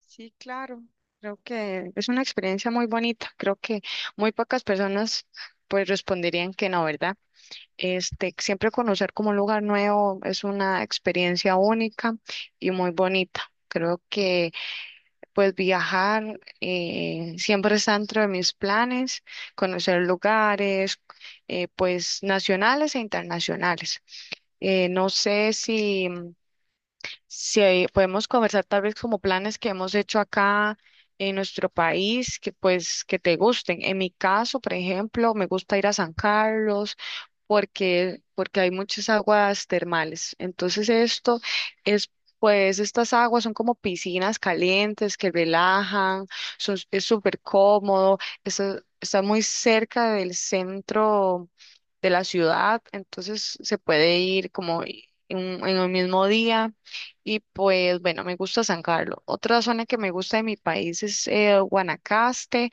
Sí, claro. Creo que es una experiencia muy bonita. Creo que muy pocas personas pues responderían que no, ¿verdad? Este, siempre conocer como un lugar nuevo es una experiencia única y muy bonita. Creo que pues viajar siempre está dentro de mis planes, conocer lugares pues nacionales e internacionales. No sé si podemos conversar tal vez como planes que hemos hecho acá en nuestro país, que pues que te gusten. En mi caso, por ejemplo, me gusta ir a San Carlos porque hay muchas aguas termales. Entonces esto es, pues estas aguas son como piscinas calientes que relajan, es súper cómodo, está muy cerca del centro de la ciudad, entonces se puede ir como en el mismo día. Y pues bueno, me gusta San Carlos. Otra zona que me gusta de mi país es Guanacaste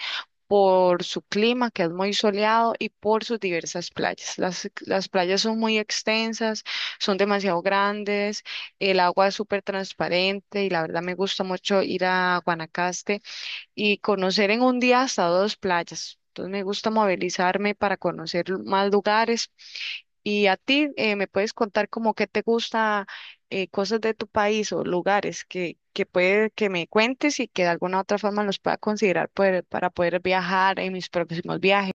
por su clima, que es muy soleado, y por sus diversas playas. Las playas son muy extensas, son demasiado grandes, el agua es súper transparente y la verdad me gusta mucho ir a Guanacaste y conocer en un día hasta dos playas. Entonces me gusta movilizarme para conocer más lugares. Y a ti, ¿me puedes contar como qué te gusta, cosas de tu país o lugares que puede que me cuentes y que de alguna otra forma los pueda considerar para poder viajar en mis próximos viajes?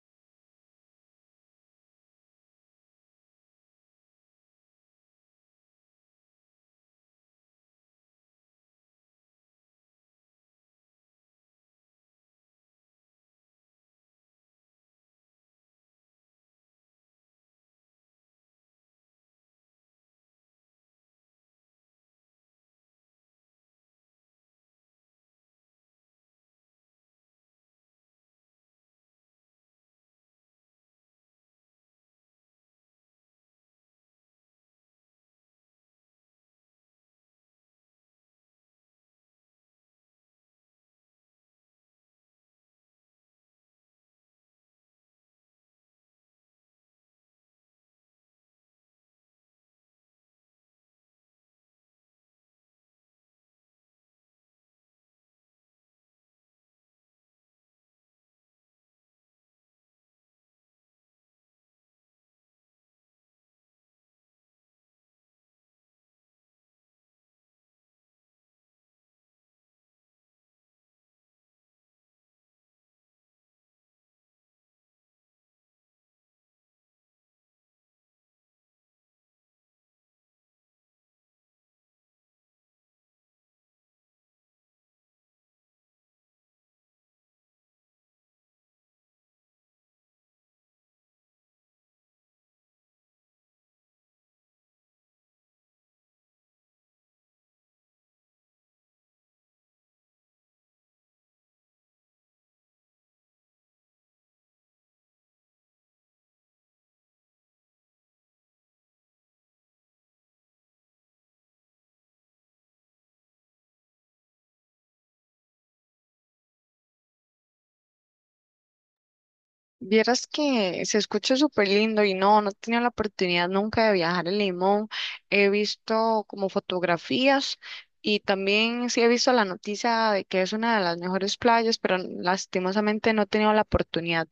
Vieras que se escucha súper lindo y no he tenido la oportunidad nunca de viajar a Limón. He visto como fotografías y también sí he visto la noticia de que es una de las mejores playas, pero lastimosamente no he tenido la oportunidad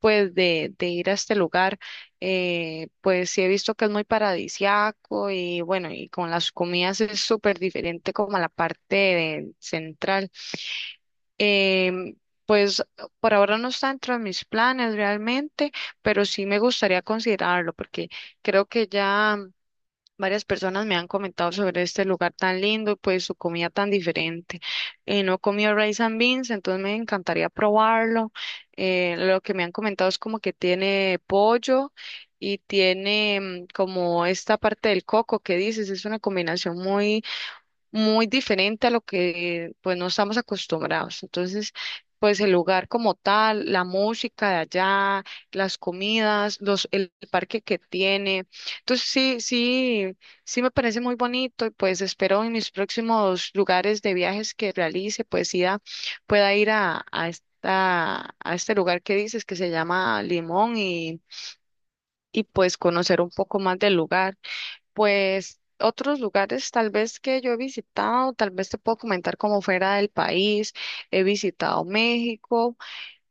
pues de ir a este lugar. Pues sí he visto que es muy paradisiaco y bueno, y con las comidas es súper diferente como a la central. Em, pues por ahora no está dentro de mis planes realmente, pero sí me gustaría considerarlo porque creo que ya varias personas me han comentado sobre este lugar tan lindo y pues su comida tan diferente. No he comido rice and beans, entonces me encantaría probarlo. Lo que me han comentado es como que tiene pollo y tiene como esta parte del coco que dices, es una combinación muy diferente a lo que pues no estamos acostumbrados. Entonces, pues el lugar como tal, la música de allá, las comidas, el parque que tiene. Entonces, sí me parece muy bonito y pues espero en mis próximos lugares de viajes que realice, pues pueda ir a esta, a este lugar que dices que se llama Limón y pues conocer un poco más del lugar. Pues otros lugares tal vez que yo he visitado, tal vez te puedo comentar como fuera del país. He visitado México.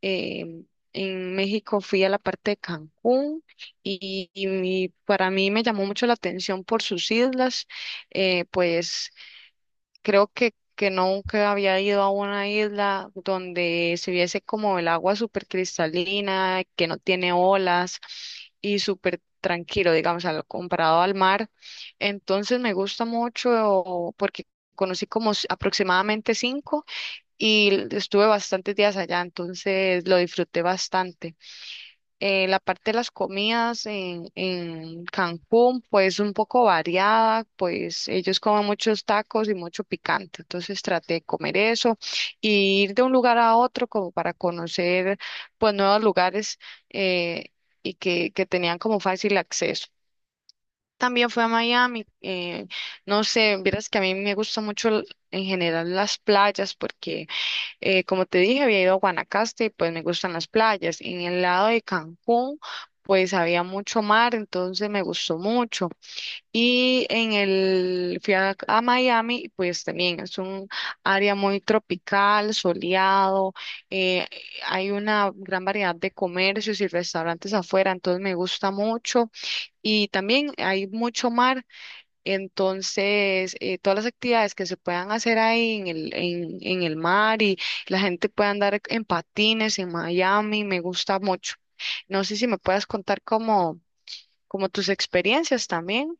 em, en México fui a la parte de Cancún y, para mí me llamó mucho la atención por sus islas. Pues creo que nunca había ido a una isla donde se viese como el agua súper cristalina, que no tiene olas y súper tranquilo, digamos, comparado al mar. Entonces me gusta mucho porque conocí como aproximadamente cinco y estuve bastantes días allá, entonces lo disfruté bastante. La parte de las comidas en Cancún, pues un poco variada, pues ellos comen muchos tacos y mucho picante, entonces traté de comer eso y ir de un lugar a otro como para conocer pues nuevos lugares eh, y que tenían como fácil acceso. También fui a Miami, no sé, vieras que a mí me gusta mucho en general las playas porque como te dije, había ido a Guanacaste y pues me gustan las playas. En el lado de Cancún, pues había mucho mar, entonces me gustó mucho. Y fui a Miami, y pues también es un área muy tropical, soleado, eh, hay una gran variedad de comercios y restaurantes afuera, entonces me gusta mucho. Y también hay mucho mar. Entonces, todas las actividades que se puedan hacer ahí en el mar y la gente puede andar en patines en Miami, me gusta mucho. No sé si me puedas contar como, como tus experiencias también.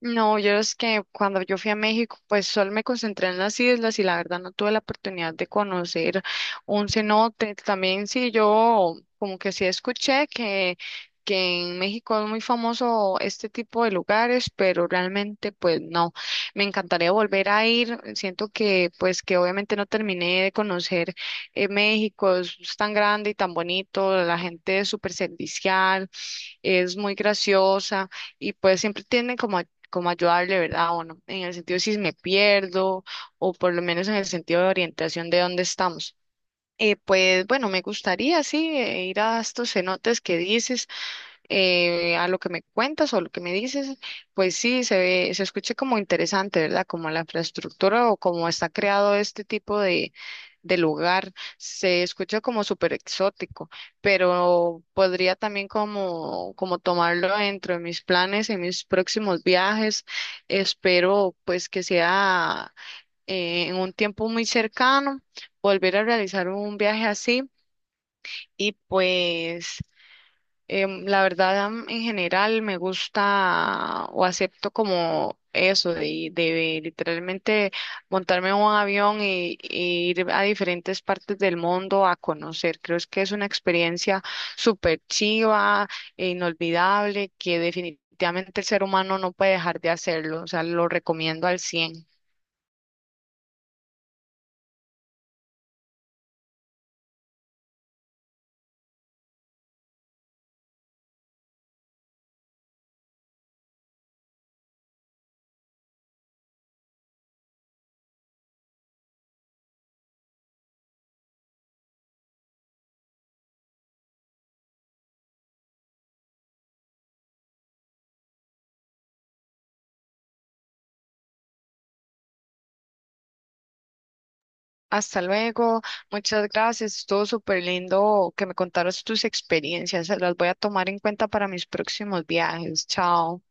No, yo es que cuando yo fui a México, pues solo me concentré en las islas y la verdad no tuve la oportunidad de conocer un cenote. También sí, yo como que sí escuché que en México es muy famoso este tipo de lugares, pero realmente pues no. Me encantaría volver a ir. Siento que pues que obviamente no terminé de conocer México, es tan grande y tan bonito, la gente es súper servicial, es muy graciosa y pues siempre tiene como, como ayudarle, ¿verdad? O no, en el sentido si me pierdo o por lo menos en el sentido de orientación de dónde estamos. Pues bueno, me gustaría, sí, ir a estos cenotes que dices, a lo que me cuentas o lo que me dices, pues sí, se ve, se escucha como interesante, ¿verdad? Como la infraestructura o como está creado este tipo de lugar, se escucha como súper exótico, pero podría también como, como tomarlo dentro de mis planes, en mis próximos viajes. Espero pues que sea en un tiempo muy cercano volver a realizar un viaje así. Y pues la verdad, en general me gusta o acepto como eso de literalmente montarme en un avión y ir a diferentes partes del mundo a conocer. Creo es que es una experiencia súper chiva e inolvidable que definitivamente el ser humano no puede dejar de hacerlo. O sea, lo recomiendo al 100. Hasta luego, muchas gracias, estuvo súper lindo que me contaras tus experiencias, las voy a tomar en cuenta para mis próximos viajes, chao.